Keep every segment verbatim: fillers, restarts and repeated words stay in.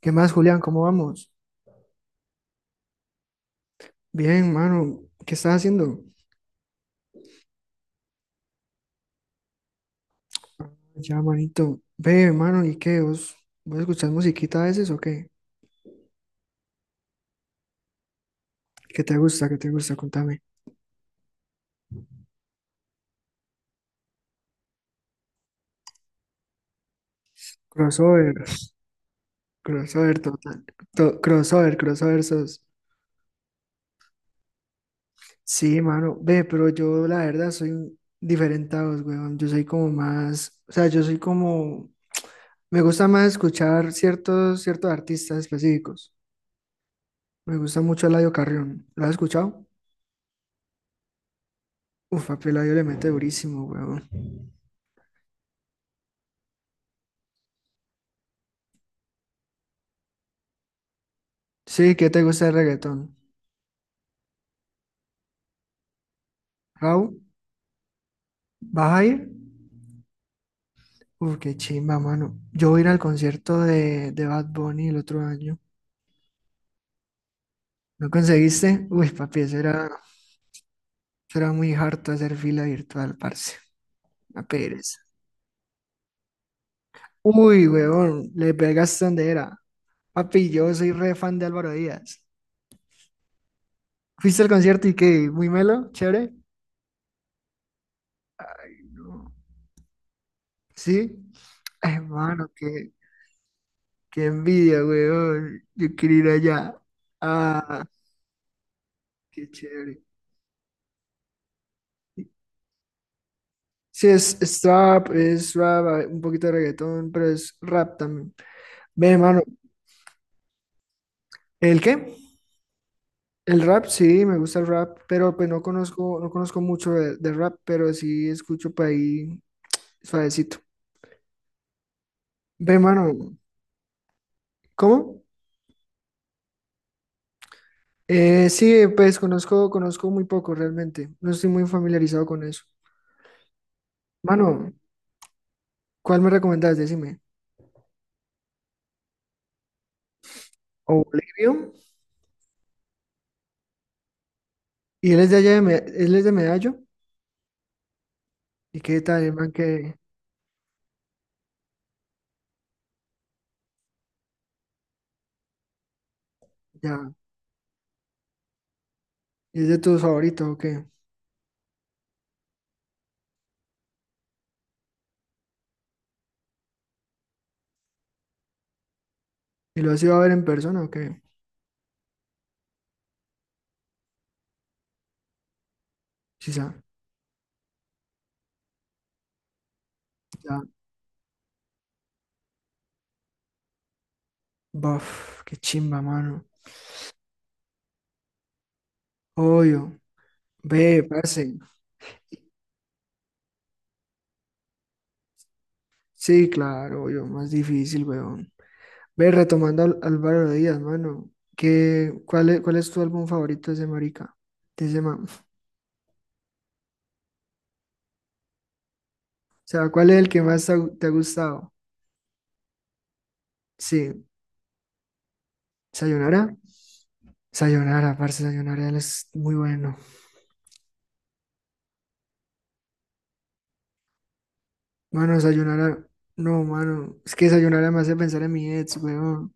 ¿Qué más, Julián? ¿Cómo vamos? Bien, mano. ¿Qué estás haciendo? Ya, manito. Ve, mano, ¿y qué? ¿Vos, vos escuchás musiquita a veces o qué? ¿Qué te gusta? ¿Qué te gusta? Contame. Crossover. Crossover total. to- crossover, crossover sos. Sí, mano. Ve, pero yo la verdad soy un- diferente a vos, weón. Yo soy como más... O sea, yo soy como... Me gusta más escuchar ciertos, ciertos artistas específicos. Me gusta mucho Eladio Carrión. ¿Lo has escuchado? Uf, papi, Eladio le mete durísimo, weón. Sí, ¿qué te gusta el reggaetón? Raúl, ¿vas a ir? Uf, qué chimba, mano. Yo voy a ir al concierto de, de Bad Bunny el otro año. ¿No conseguiste? Uy, papi, eso era, eso era muy harto hacer fila virtual, parce. La pereza. Uy, huevón, le pegaste donde era. Papi, yo soy re fan de Álvaro Díaz. ¿Fuiste al concierto y qué? ¿Muy melo? ¿Chévere? No. ¿Sí? Hermano, qué, qué envidia, huevón. Yo quiero ir allá. Ah, qué chévere. Sí, es, es trap, es rap, hay un poquito de reggaetón, pero es rap también. Ve, hermano, ¿el qué? El rap, sí, me gusta el rap, pero pues no conozco, no conozco mucho de, de rap, pero sí escucho por ahí suavecito. Ve, hermano, ¿cómo? Eh, sí, pues conozco, conozco muy poco realmente, no estoy muy familiarizado con eso. Mano, ¿cuál me recomendás? Decime. O Bolivio, y él es de allá, de Me- él es de Medallo, ¿y qué tal, hermano, que ya, es de tus favoritos o qué? ¿Y lo has ido a ver en persona o qué? Sí, ya. Ya. Buf, qué chimba, mano. Obvio. Ve, parce. Sí, claro, obvio. Más difícil, weón. Ve, retomando al Álvaro Díaz, mano. ¿Qué, cuál es, cuál es tu álbum favorito de ese marica? De ese man. O sea, ¿cuál es el que más te ha, te ha gustado? Sí. ¿Sayonara? Sayonara, parce, Sayonara él es muy bueno. Mano, Sayonara. No, mano. Es que Sayonara me hace pensar en mi ex, weón.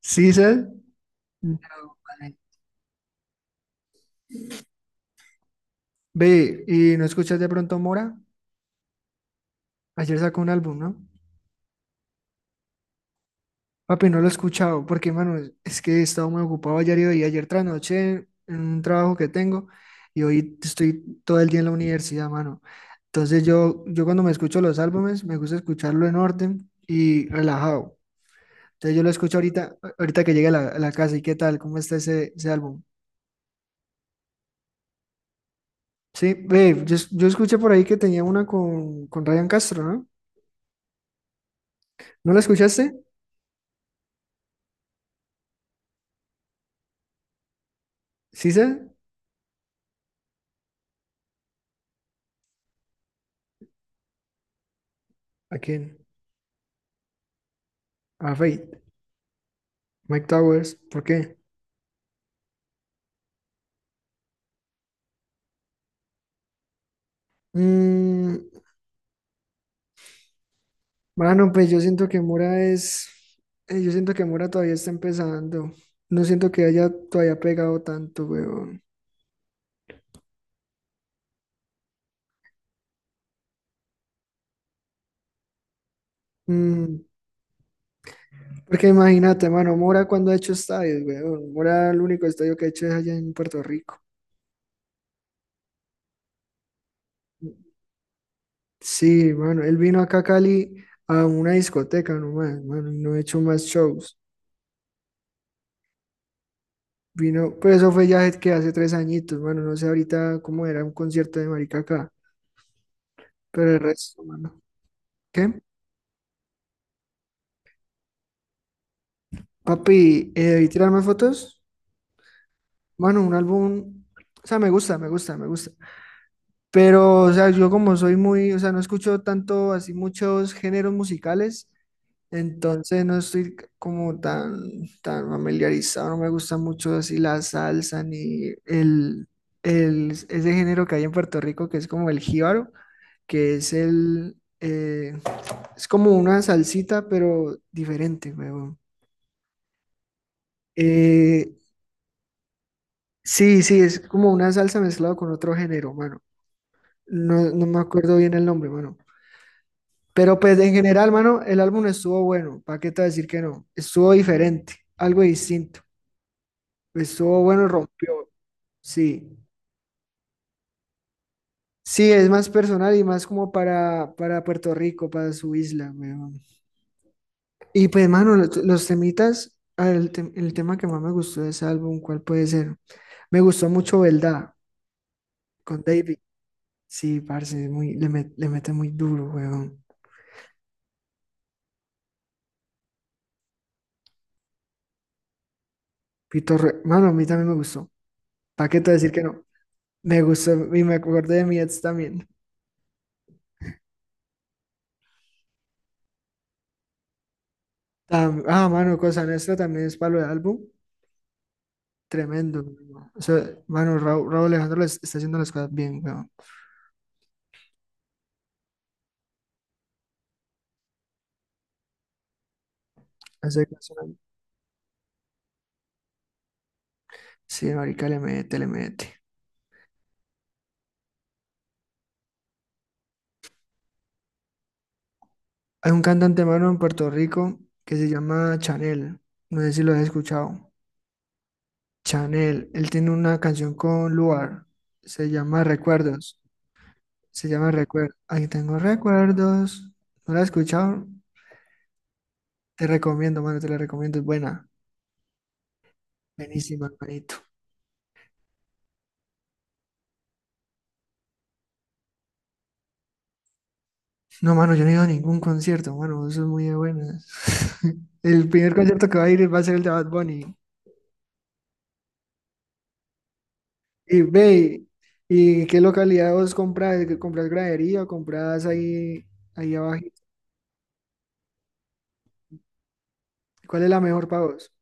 ¿Sí, sabes? No. Ve, ¿y no escuchas de pronto Mora? Ayer sacó un álbum, ¿no? Papi, no lo he escuchado, porque, mano, es es que he estado muy ocupado ayer y hoy, ayer tras noche en un trabajo que tengo, y hoy estoy todo el día en la universidad, mano. Entonces yo, yo cuando me escucho los álbumes, me gusta escucharlo en orden y relajado. Entonces yo lo escucho ahorita, ahorita que llegue a la, a la casa, ¿y qué tal? ¿Cómo está ese, ese álbum? Sí, ve, yo, es- yo escuché por ahí que tenía una con, con Ryan Castro, ¿no? ¿No la escuchaste? ¿Sí, sé? ¿A quién? A Faith. Mike Towers, ¿por qué? Mm, bueno, pues yo siento que Mora es, eh, yo siento que Mora todavía está empezando. No siento que haya todavía pegado tanto, weón. Mm, porque imagínate, mano, Mora cuando ha hecho estadios, weón. Mora el único estadio que ha hecho es allá en Puerto Rico. Sí, mano, él vino acá a Cali a una discoteca nomás, mano, y no ha hecho más shows. Vino, pero eso fue ya que hace tres añitos, mano, no sé ahorita cómo era un concierto de marica acá, pero el resto, mano. ¿Qué? Papi, eh, ¿y tirarme fotos? Bueno, un álbum, o sea, me gusta, me gusta, me gusta. Pero, o sea, yo como soy muy, o sea, no escucho tanto así muchos géneros musicales, entonces no estoy c- como tan, tan familiarizado, no me gusta mucho así la salsa ni el, el, ese género que hay en Puerto Rico que es como el jíbaro, que es el, eh, es como una salsita, pero diferente, weón. Sí, sí, es como una salsa mezclada con otro género, mano. No, no me acuerdo bien el nombre, mano. Pero pues en general, mano, el álbum estuvo bueno. ¿Para qué te voy a decir que no? Estuvo diferente, algo distinto. Estuvo bueno, rompió. Sí. Sí, es más personal y más como para, para Puerto Rico, para su isla, weón. Y pues, mano, los, los temitas, a ver, el, tem- el tema que más me gustó de ese álbum, ¿cuál puede ser? Me gustó mucho Belda con David. Sí, parce, muy, le, met- le mete muy duro, weón. Pito Re- Mano, a mí también me gustó. ¿Para qué te voy a decir que no? Me gustó y me acordé de mi ex también. Tam- ah, mano, Cosa Nuestra también es palo de álbum. Tremendo, mano. O sea, mano, Raúl, Raúl Alejandro les- está haciendo las cosas bien, weón. Hace canciones... Sí, marica, le mete, le mete. Hay un cantante, mano, en Puerto Rico que se llama Chanel. No sé si lo has escuchado. Chanel, él tiene una canción con Luar. Se llama Recuerdos. Se llama Recuerdos. Ahí tengo recuerdos. ¿No la has escuchado? Te recomiendo, mano, te la recomiendo, es buena. Buenísima, hermanito. No, mano, yo no he ido a ningún concierto, mano, eso es muy de buenas. El primer concierto que va a ir va a ser el de Bad Bunny. Y ve, ¿y qué localidad vos compras? ¿Compras gradería o compras ahí, ahí abajo? ¿Cuál es la mejor para vos?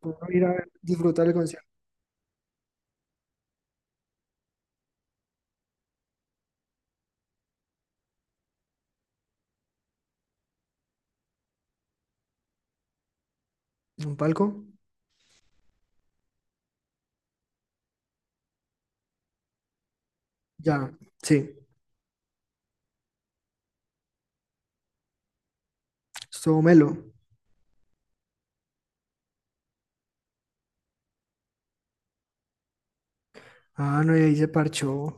Para ir a ver, disfrutar el concierto. ¿Un palco? Ya, sí. Estuvo melo. Ah, no, y ahí se parchó.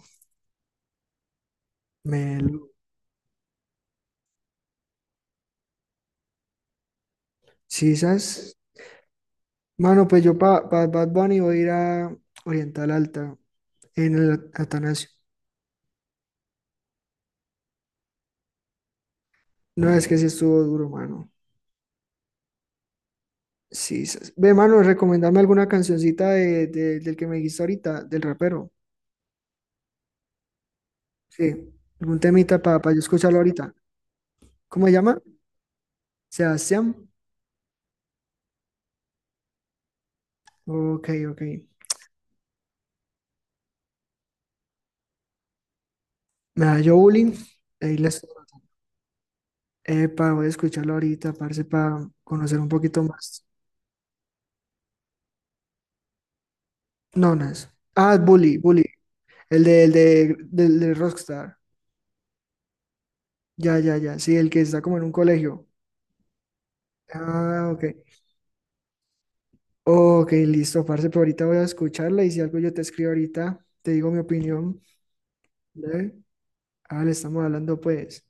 Melo. Sisas. Mano, pues yo para pa, pa Bad Bunny voy a ir a Oriental Alta en el Atanasio. No, es que sí estuvo duro, mano. Sí, sas- ve, mano, recomendame alguna cancioncita de, de- del que me dijiste ahorita, del rapero. Sí, algún temita para yo escucharlo ahorita. ¿Cómo se llama? Sebastián. Ok, ok. Me da yo bullying. Ahí les... Epa, voy a escucharlo ahorita, parce, para conocer un poquito más. Nonas. Ah, Bully, Bully. El de, el de, del de Rockstar. Ya, ya, ya. Sí, el que está como en un colegio. Ah, ok. Ok, listo, parce, pero ahorita voy a escucharla y si algo yo te escribo ahorita, te digo mi opinión. ¿Dale? Ah, le estamos hablando pues.